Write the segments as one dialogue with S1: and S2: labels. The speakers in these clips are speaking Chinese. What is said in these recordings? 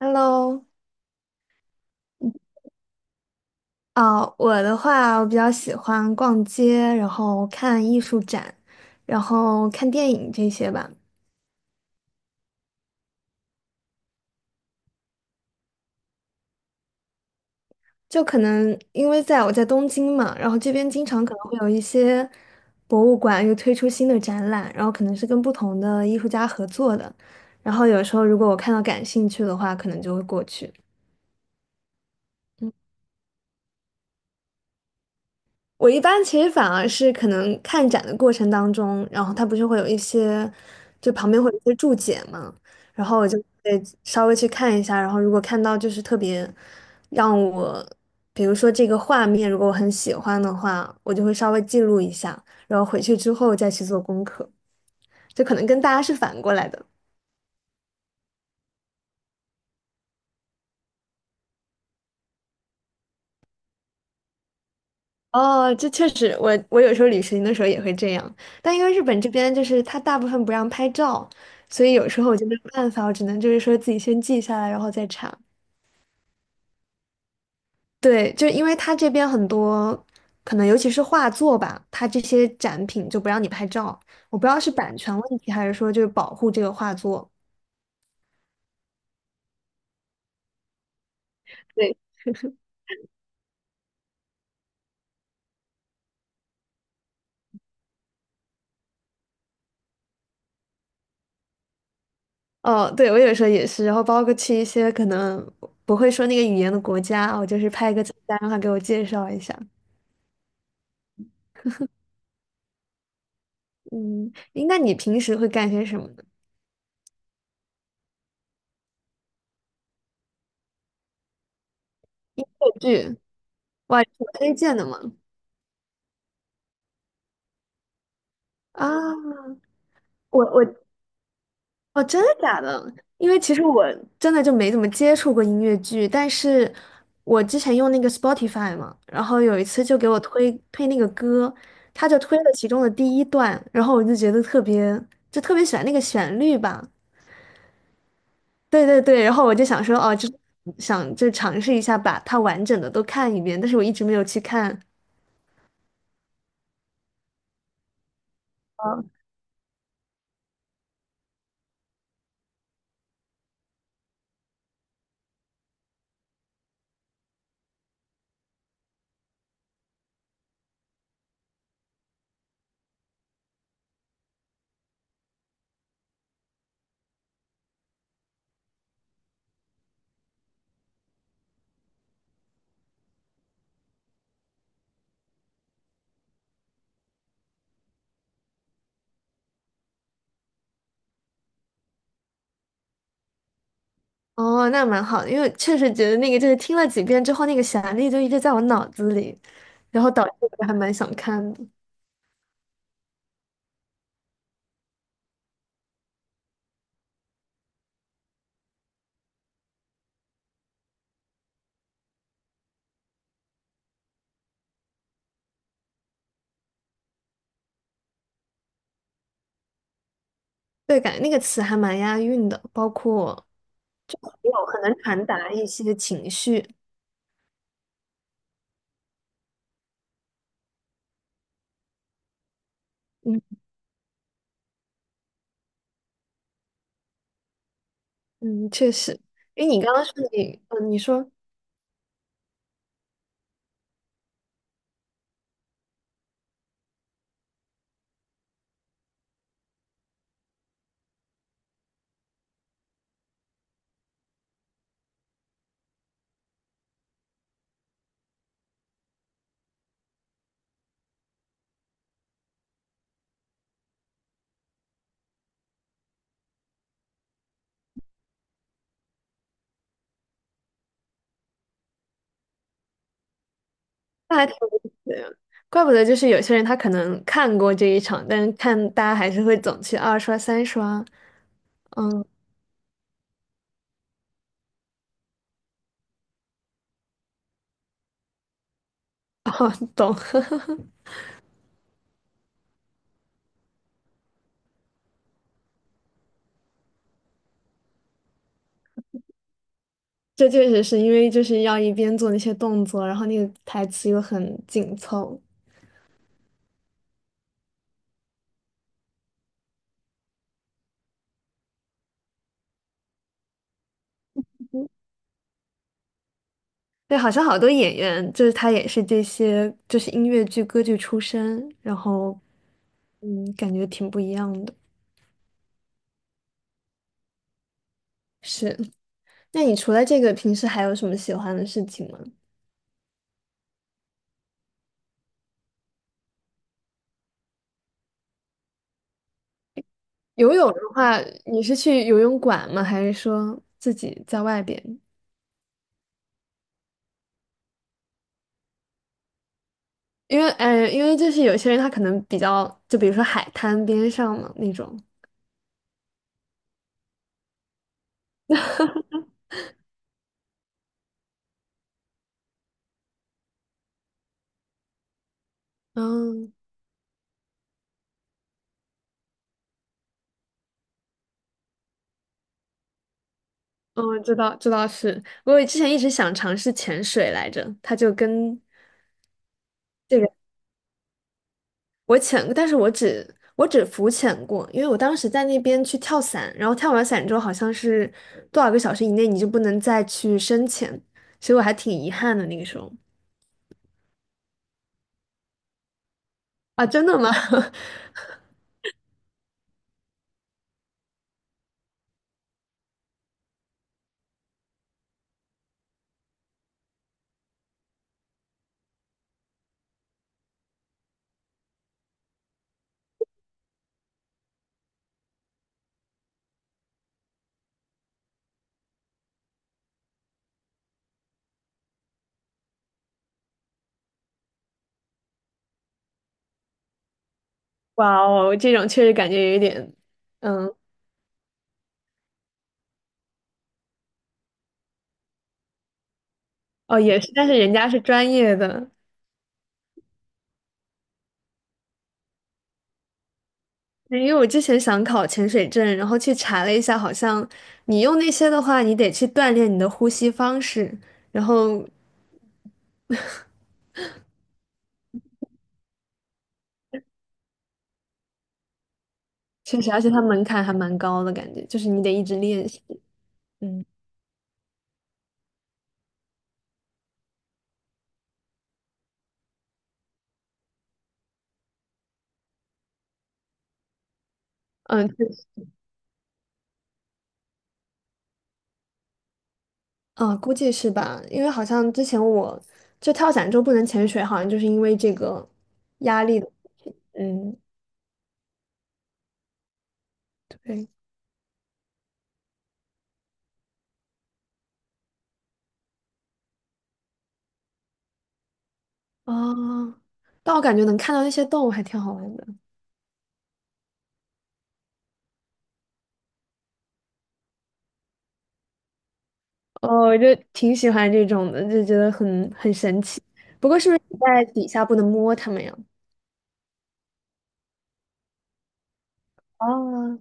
S1: Hello，我的话，我比较喜欢逛街，然后看艺术展，然后看电影这些吧。就可能因为我在东京嘛，然后这边经常可能会有一些博物馆又推出新的展览，然后可能是跟不同的艺术家合作的。然后有时候如果我看到感兴趣的话，可能就会过去。我一般其实反而是可能看展的过程当中，然后它不是会有一些，就旁边会有一些注解嘛，然后我就会稍微去看一下，然后如果看到就是特别让我，比如说这个画面，如果我很喜欢的话，我就会稍微记录一下，然后回去之后再去做功课，就可能跟大家是反过来的。哦，这确实，我有时候旅行的时候也会这样，但因为日本这边就是他大部分不让拍照，所以有时候我就没有办法，我只能就是说自己先记下来，然后再查。对，就因为它这边很多，可能尤其是画作吧，它这些展品就不让你拍照，我不知道是版权问题还是说就是保护这个画作。对，哦，对，我有时候也是，然后包括去一些可能不会说那个语言的国家，我就是拍一个菜单，让他给我介绍一下。嗯，诶那你平时会干些什么？剧，哇，你是推荐的吗？啊，我哦，真的假的？因为其实我真的就没怎么接触过音乐剧，但是我之前用那个 Spotify 嘛，然后有一次就给我推那个歌，他就推了其中的第一段，然后我就觉得特别，就特别喜欢那个旋律吧。对对对，然后我就想说，哦，就想就尝试一下把它完整的都看一遍，但是我一直没有去看，哦，那蛮好的，因为确实觉得那个就是听了几遍之后，那个旋律就一直在我脑子里，然后导致我还蛮想看的。对，感觉那个词还蛮押韵的，包括也有很能传达一些情绪。嗯嗯，确实，因为你刚刚说你，你说那还挺有意思的，怪不得就是有些人他可能看过这一场，但是看大家还是会总去二刷三刷。嗯，哦，懂。这确实是因为就是要一边做那些动作，然后那个台词又很紧凑。对，好像好多演员就是他也是这些，就是音乐剧、歌剧出身，然后嗯，感觉挺不一样的。是，那你除了这个，平时还有什么喜欢的事情吗？游泳的话，你是去游泳馆吗？还是说自己在外边？因为，因为就是有些人他可能比较，就比如说海滩边上嘛那种。嗯。嗯，知道知道是，我之前一直想尝试潜水来着，它就跟这个我潜，但是我只浮潜过，因为我当时在那边去跳伞，然后跳完伞之后好像是多少个小时以内你就不能再去深潜，所以我还挺遗憾的那个时候。啊，真的吗？哇哦，这种确实感觉有一点，嗯，哦也是，但是人家是专业的，对，因为我之前想考潜水证，然后去查了一下，好像你用那些的话，你得去锻炼你的呼吸方式，然后确实，而且它门槛还蛮高的感觉，就是你得一直练习。嗯，嗯，确实啊，估计是吧？因为好像之前我就跳伞之后不能潜水，好像就是因为这个压力的。嗯，对啊，但我感觉能看到那些动物还挺好玩的。哦，我就挺喜欢这种的，就觉得很神奇。在底下不能摸他们呀。啊，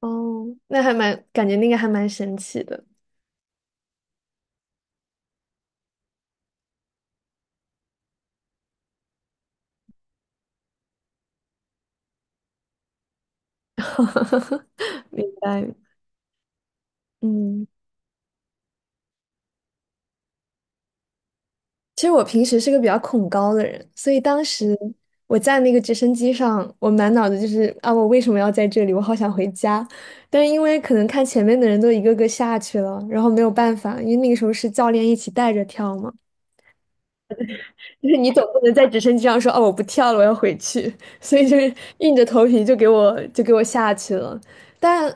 S1: 哦，那还蛮，感觉那个还蛮神奇的。明白。嗯，其实我平时是个比较恐高的人，所以当时我在那个直升机上，我满脑子就是啊，我为什么要在这里？我好想回家。但是因为可能看前面的人都一个个下去了，然后没有办法，因为那个时候是教练一起带着跳嘛。就是你总不能在直升机上说哦我不跳了，我要回去，所以就是硬着头皮就给我下去了。但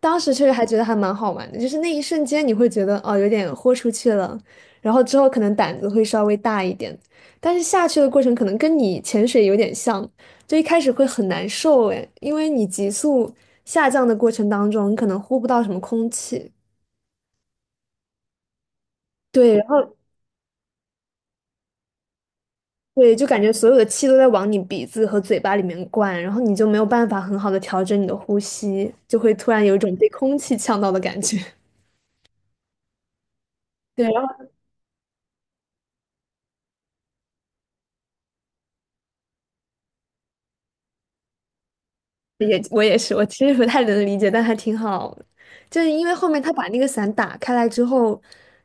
S1: 当时确实还觉得还蛮好玩的，就是那一瞬间你会觉得哦有点豁出去了，然后之后可能胆子会稍微大一点，但是下去的过程可能跟你潜水有点像，就一开始会很难受诶，因为你急速下降的过程当中，你可能呼不到什么空气。对，然后对，就感觉所有的气都在往你鼻子和嘴巴里面灌，然后你就没有办法很好的调整你的呼吸，就会突然有一种被空气呛到的感觉。对，然后我也是，我其实不太能理解，但还挺好的。就是因为后面他把那个伞打开来之后，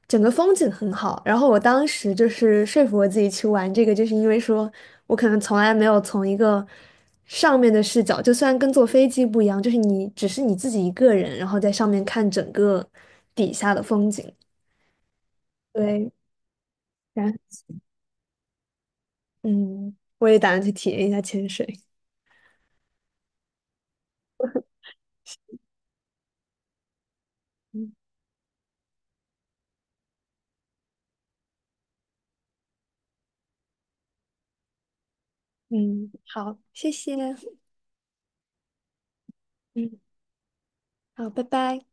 S1: 整个风景很好。然后我当时就是说服我自己去玩这个，就是因为说我可能从来没有从一个上面的视角，就虽然跟坐飞机不一样，就是你只是你自己一个人，然后在上面看整个底下的风景。对，然嗯，我也打算去体验一下潜水。嗯嗯，好，谢谢。嗯，好，拜拜。